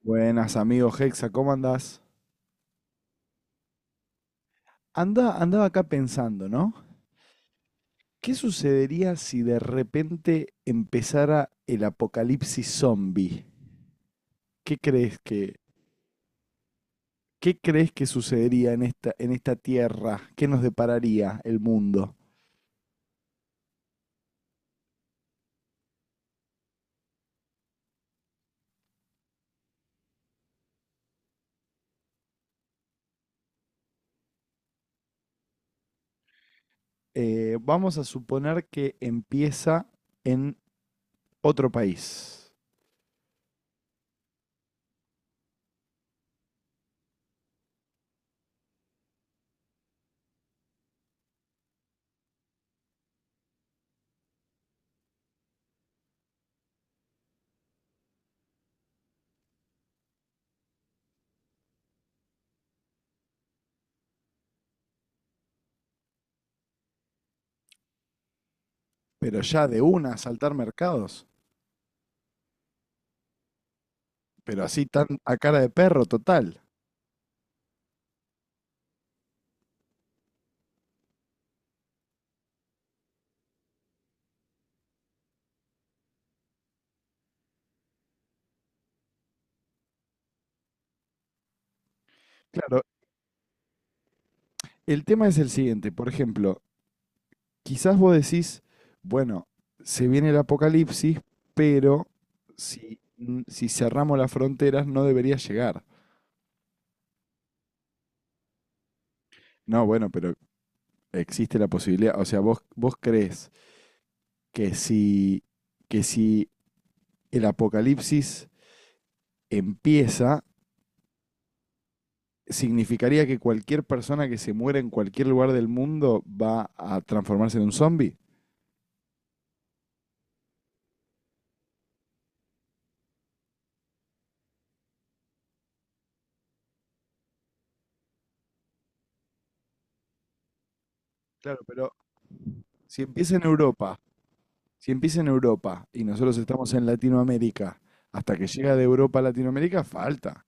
Buenas amigos Hexa, ¿cómo andás? Andaba acá pensando, ¿no? ¿Qué sucedería si de repente empezara el apocalipsis zombie? ¿Qué crees que, ¿Qué crees que sucedería en esta tierra? ¿Qué nos depararía el mundo? Vamos a suponer que empieza en otro país, pero ya de una a saltar mercados, pero así tan a cara de perro total. Claro, el tema es el siguiente, por ejemplo, quizás vos decís, bueno, se viene el apocalipsis, pero si cerramos las fronteras no debería llegar. No, bueno, pero existe la posibilidad. O sea, vos crees que si, que si el apocalipsis empieza, significaría que cualquier persona que se muera en cualquier lugar del mundo va a transformarse en un zombie. Claro, pero si empieza en Europa Si empieza en Europa y nosotros estamos en Latinoamérica, hasta que llega de Europa a Latinoamérica, falta.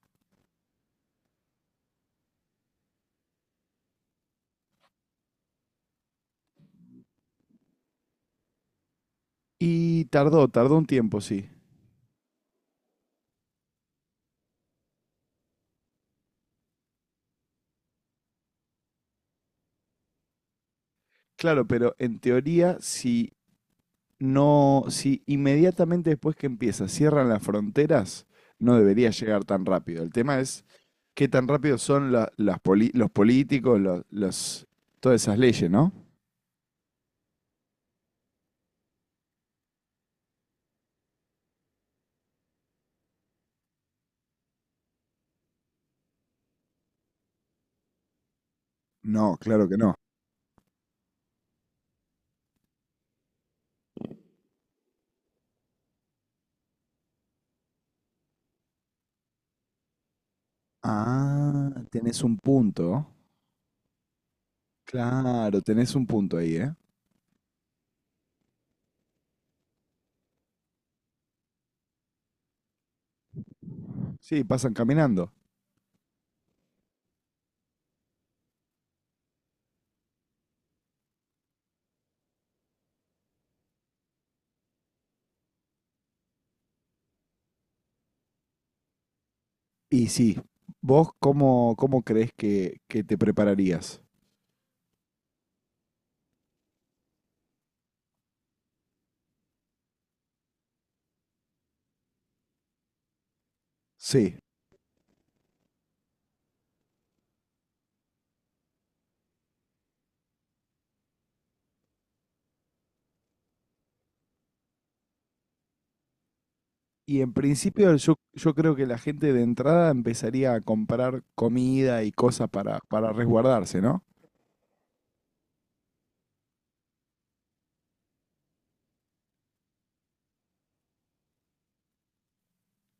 Y tardó, tardó un tiempo, sí. Claro, pero en teoría, no, si inmediatamente después que empieza cierran las fronteras, no debería llegar tan rápido. El tema es qué tan rápido son los políticos, los todas esas leyes, ¿no? No, claro que no. Ah, tenés un punto. Claro, tenés un punto ahí, ¿eh? Sí, pasan caminando. Y sí, ¿vos cómo crees que te prepararías? Sí. Y en principio yo creo que la gente de entrada empezaría a comprar comida y cosas para resguardarse, ¿no?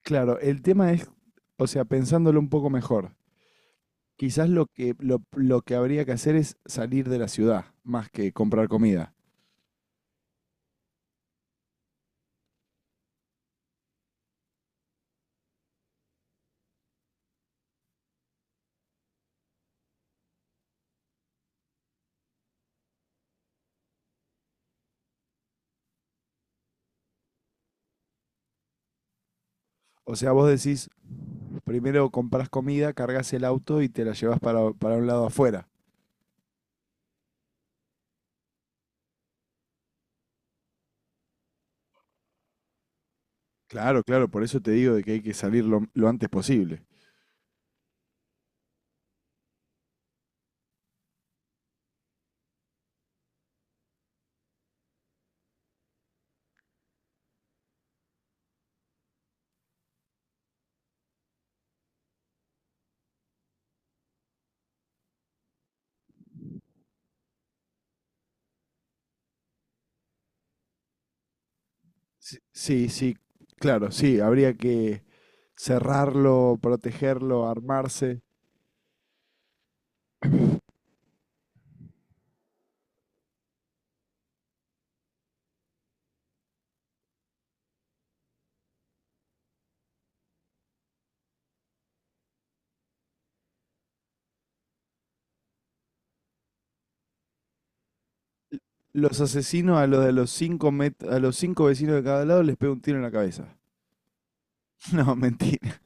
Claro, el tema es, o sea, pensándolo un poco mejor, quizás lo que habría que hacer es salir de la ciudad más que comprar comida. O sea, vos decís, primero compras comida, cargas el auto y te la llevas para un lado afuera. Claro, claro, por eso te digo de que hay que salir lo antes posible. Sí, sí, sí, claro, sí, habría que cerrarlo, protegerlo, armarse. L- Los asesinos a los de los cinco met- a los cinco vecinos de cada lado les pega un tiro en la cabeza. No, mentira.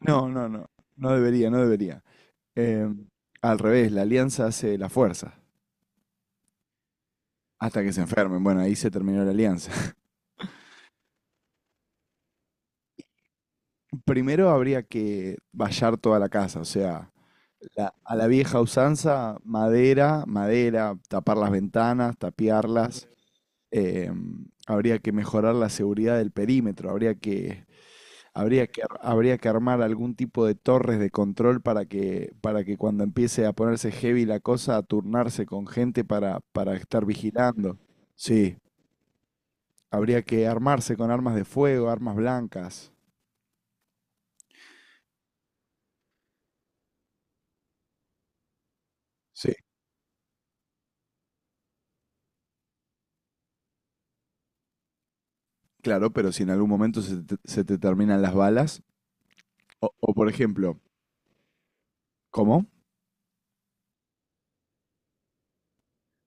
No, no, no. No debería, no debería. Em, Al revés, la alianza hace la fuerza. Hasta que se enfermen. Bueno, ahí se terminó la alianza. Primero habría que vallar toda la casa, o sea, a la vieja usanza, madera, madera, tapar las ventanas, tapiarlas. Eh, habría que mejorar la seguridad del perímetro, habría que armar algún tipo de torres de control para que cuando empiece a ponerse heavy la cosa, a turnarse con gente para estar vigilando. Sí, habría que armarse con armas de fuego, armas blancas. Sí, claro, pero si en algún momento se te terminan las balas, o por ejemplo, ¿cómo?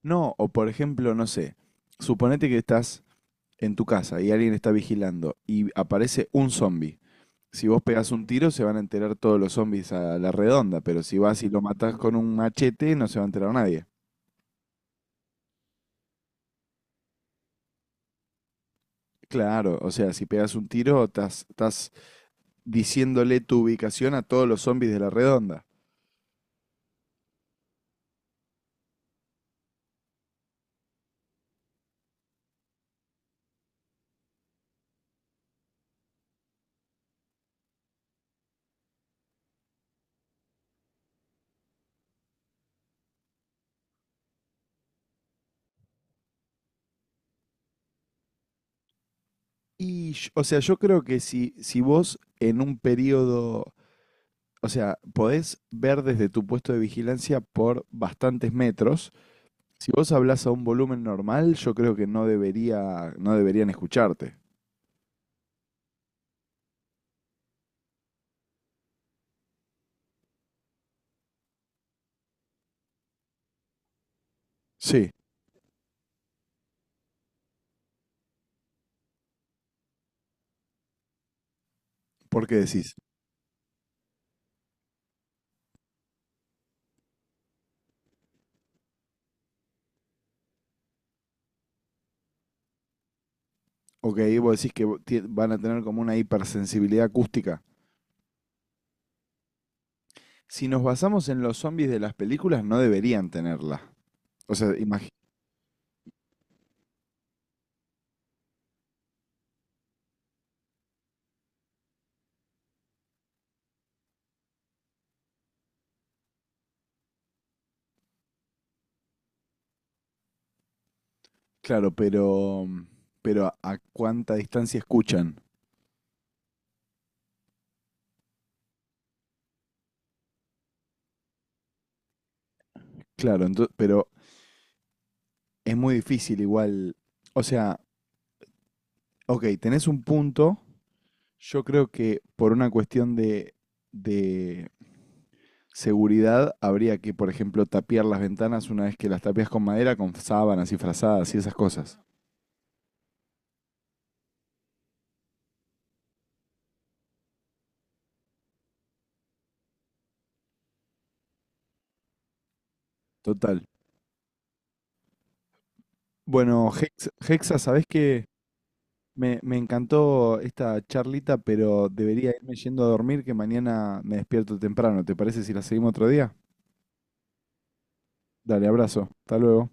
No, o por ejemplo, no sé, suponete que estás en tu casa y alguien está vigilando y aparece un zombie, si vos pegás un tiro se van a enterar todos los zombies a la redonda, pero si vas y lo matás con un machete no se va a enterar nadie. Claro, o sea, si pegas un tiro estás diciéndole tu ubicación a todos los zombies de la redonda. O sea, yo creo que si vos en un periodo, o sea, podés ver desde tu puesto de vigilancia por bastantes metros, si vos hablas a un volumen normal, yo creo que no debería, no deberían escucharte. Sí, ¿por qué decís? Ok, vos decís que van a tener como una hipersensibilidad acústica. Si nos basamos en los zombies de las películas, no deberían tenerla. O sea, claro, pero a cuánta distancia escuchan. Claro, pero es muy difícil igual. O sea, ok, tenés un punto. Yo creo que por una cuestión de seguridad habría que, por ejemplo, tapiar las ventanas una vez que las tapias con madera, con sábanas y frazadas y esas cosas. Total. Bueno, Hexa, ¿sabés qué? Me encantó esta charlita, pero debería irme yendo a dormir, que mañana me despierto temprano. ¿Te parece si la seguimos otro día? Dale, abrazo. Hasta luego.